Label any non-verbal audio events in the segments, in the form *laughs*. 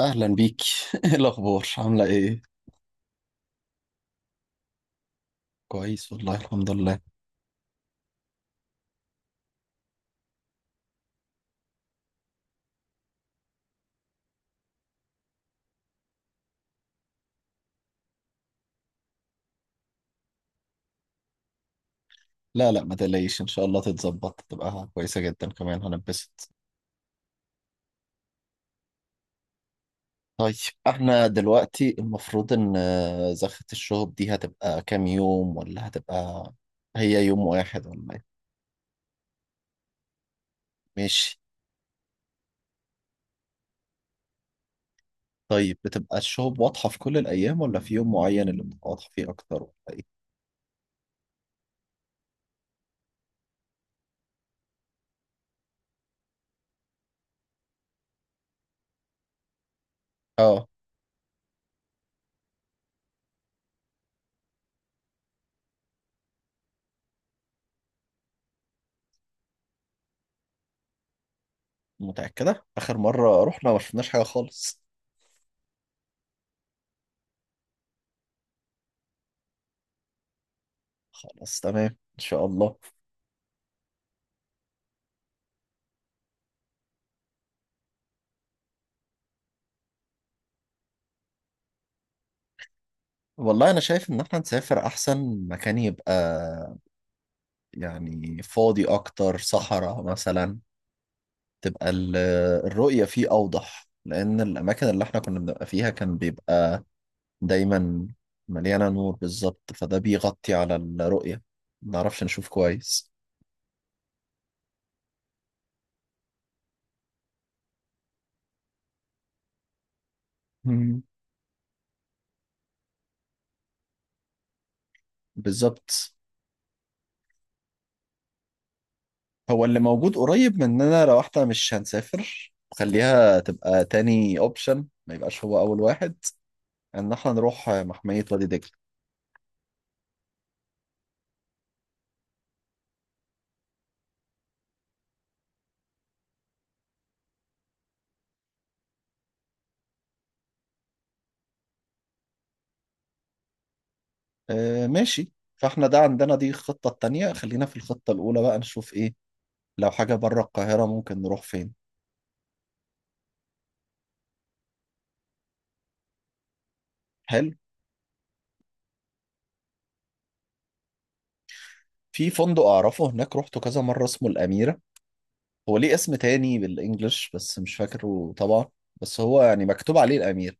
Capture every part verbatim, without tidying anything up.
اهلا بيك. *laughs* ايه الاخبار، عامله ايه؟ كويس والله، الحمد لله. لا لا، ما تقلقيش، ان شاء الله تتظبط تبقى كويسه جدا، كمان هنبسط. طيب، احنا دلوقتي المفروض ان آه، زخة الشهب دي هتبقى كام يوم؟ ولا هتبقى هي يوم واحد ولا ايه؟ ماشي. طيب بتبقى الشهب واضحه في كل الايام ولا في يوم معين اللي بتبقى واضحه فيه اكتر ولا ايه؟ اه. متاكده، اخر مره رحنا ما شفناش حاجه خالص. خلاص تمام، ان شاء الله. والله انا شايف ان احنا نسافر، احسن مكان يبقى يعني فاضي اكتر، صحراء مثلا. تبقى ال- الرؤية فيه اوضح، لان الاماكن اللي احنا كنا بنبقى فيها كان بيبقى دايما مليانة نور. بالظبط، فده بيغطي على الرؤية، ما نعرفش نشوف كويس. مم. بالظبط. هو اللي موجود قريب مننا، لو احنا مش هنسافر خليها تبقى تاني اوبشن، ما يبقاش هو اول واحد، ان احنا نروح محمية وادي دجلة. آه ماشي. فاحنا ده عندنا دي الخطة التانية، خلينا في الخطة الأولى بقى نشوف إيه. لو حاجة بره القاهرة ممكن نروح فين؟ حلو. في فندق أعرفه هناك، روحته كذا مرة، اسمه الأميرة. هو ليه اسم تاني بالإنجلش بس مش فاكره طبعا، بس هو يعني مكتوب عليه الأمير.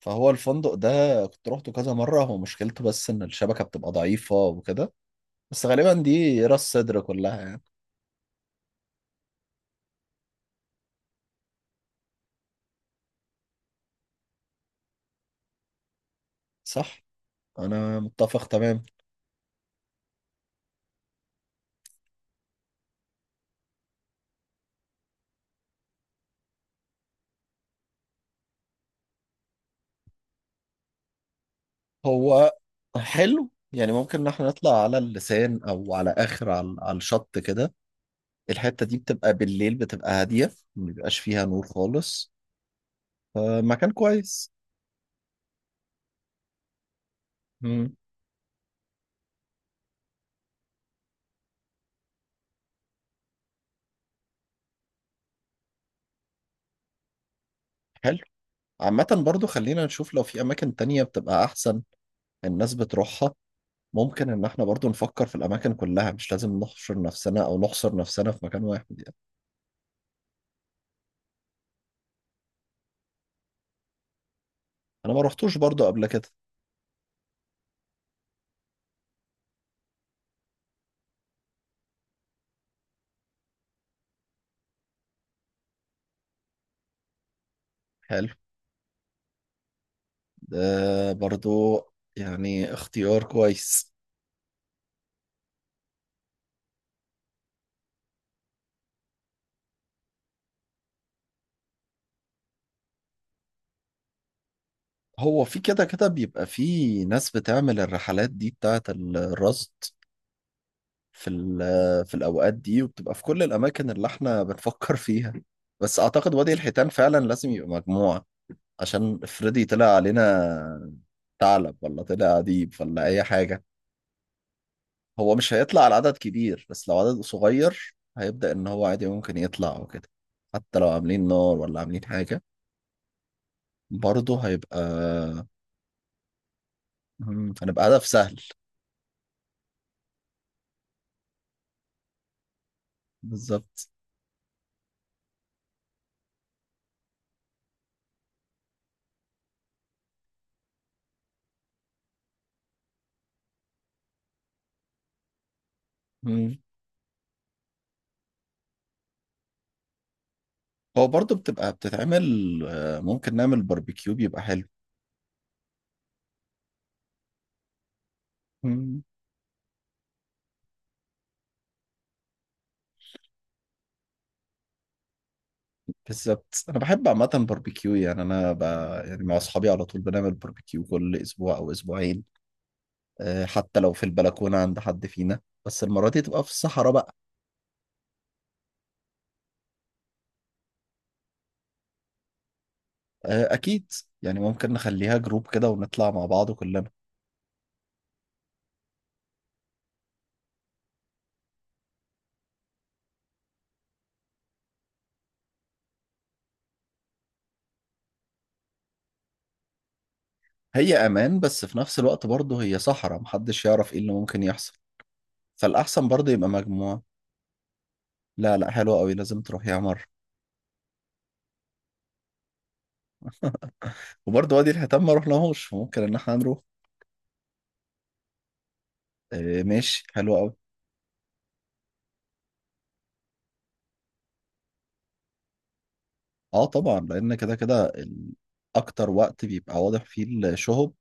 فهو الفندق ده كنت روحته كذا مرة، هو مشكلته بس إن الشبكة بتبقى ضعيفة وكده، بس غالبا دي راس صدر كلها يعني. صح، أنا متفق تمام. هو حلو يعني، ممكن ان احنا نطلع على اللسان، او على اخر، على, على الشط كده. الحتة دي بتبقى بالليل، بتبقى هادية، ما بيبقاش فيها نور خالص، فمكان كويس. مم. حلو. عامة برضو خلينا نشوف لو في اماكن تانية بتبقى احسن، الناس بتروحها. ممكن ان احنا برضو نفكر في الاماكن كلها، مش لازم نحشر نفسنا او نحصر نفسنا في مكان واحد يعني. انا ما روحتوش برضو قبل كده. حلو. ده برضو يعني اختيار كويس. هو في كده كده بيبقى في ناس بتعمل الرحلات دي بتاعت الرصد في ال- في الأوقات دي، وبتبقى في كل الأماكن اللي احنا بنفكر فيها، بس أعتقد وادي الحيتان فعلا لازم يبقى مجموعة، عشان افرضي طلع علينا ثعلب، ولا طلع عديب، ولا أي حاجة. هو مش هيطلع على عدد كبير، بس لو عدد صغير هيبدأ إن هو عادي ممكن يطلع وكده، حتى لو عاملين نار ولا عاملين حاجة برضه هيبقى مم، هنبقى هدف سهل. بالظبط. مم. هو برضه بتبقى بتتعمل. آه، ممكن نعمل باربيكيو، بيبقى حلو. مم. بالظبط، انا بحب عامه باربيكيو، يعني انا ب... يعني مع اصحابي على طول بنعمل باربيكيو كل اسبوع او اسبوعين. آه، حتى لو في البلكونه عند حد فينا، بس المره دي تبقى في الصحراء بقى. آه، اكيد. يعني ممكن نخليها جروب كده ونطلع مع بعض كلنا. هي امان، بس في نفس الوقت برضه هي صحراء، محدش يعرف ايه اللي ممكن يحصل، فالاحسن برضه يبقى مجموعه. لا لا، حلوه قوي، لازم تروح يا مره. وبرضه وادي الحيتان ما رحناهوش، ممكن ان احنا نروح. آه، ماشي، حلو قوي. اه طبعا، لان كده كده ال- اكتر وقت بيبقى واضح فيه الشهب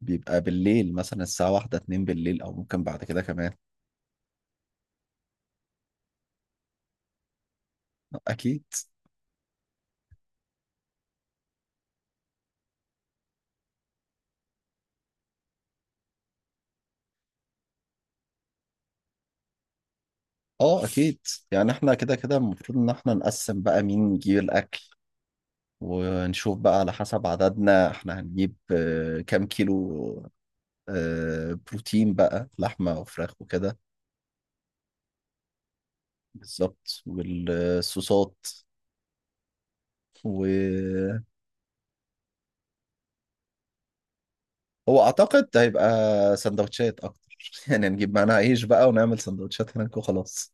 بيبقى بالليل، مثلا الساعة واحدة اتنين بالليل، او ممكن بعد كده كمان. اكيد. اه اكيد. يعني احنا كده كده المفروض ان احنا نقسم بقى مين يجيب الاكل، ونشوف بقى على حسب عددنا احنا هنجيب آه، كام كيلو آه، بروتين بقى، لحمة وفراخ وكده. بالظبط، والصوصات. هو اعتقد هيبقى سندوتشات اكتر، *laughs* يعني نجيب معانا عيش بقى ونعمل سندوتشات هناك وخلاص.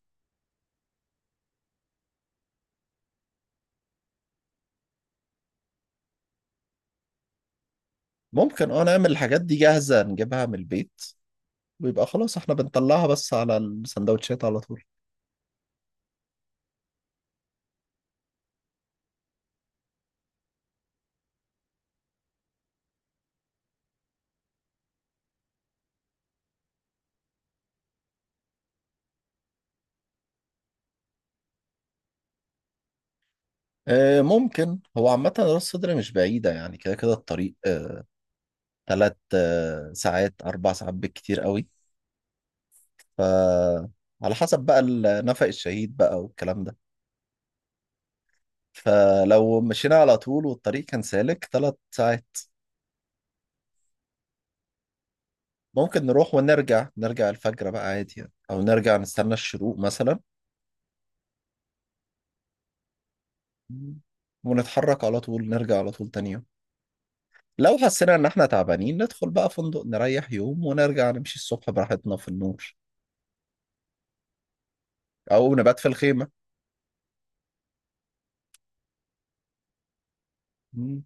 ممكن، اه، نعمل الحاجات دي جاهزة نجيبها من البيت، ويبقى خلاص احنا بنطلعها بس على السندوتشات على طول. آه، ممكن. هو عامة راس صدر مش بعيدة يعني، كده كده الطريق آه، تلات آه، ساعات، أربع ساعات بالكتير قوي. ف على حسب بقى ال- نفق الشهيد بقى والكلام ده، فلو مشينا على طول والطريق كان سالك تلات ساعات. ممكن نروح ونرجع، نرجع الفجر بقى عادي يعني، او نرجع نستنى الشروق مثلا، ونتحرك على طول، نرجع على طول تاني يوم. لو حسينا ان احنا تعبانين، ندخل بقى فندق نريح يوم ونرجع نمشي الصبح براحتنا في النور، او نبات في الخيمة. مم.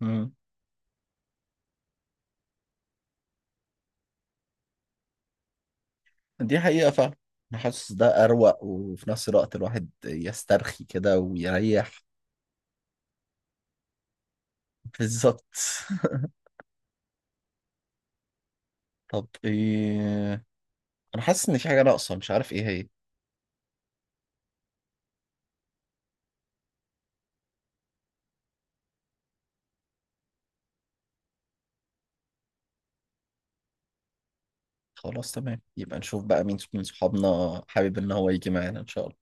مم. دي حقيقة فعلا. انا حاسس ده اروق، وفي نفس الوقت الواحد يسترخي كده ويريح. بالظبط. *laughs* طب ايه، انا حاسس ان في حاجة ناقصة مش عارف ايه. خلاص تمام، يبقى نشوف بقى مين من صحابنا حابب ان هو يجي معانا ان شاء الله.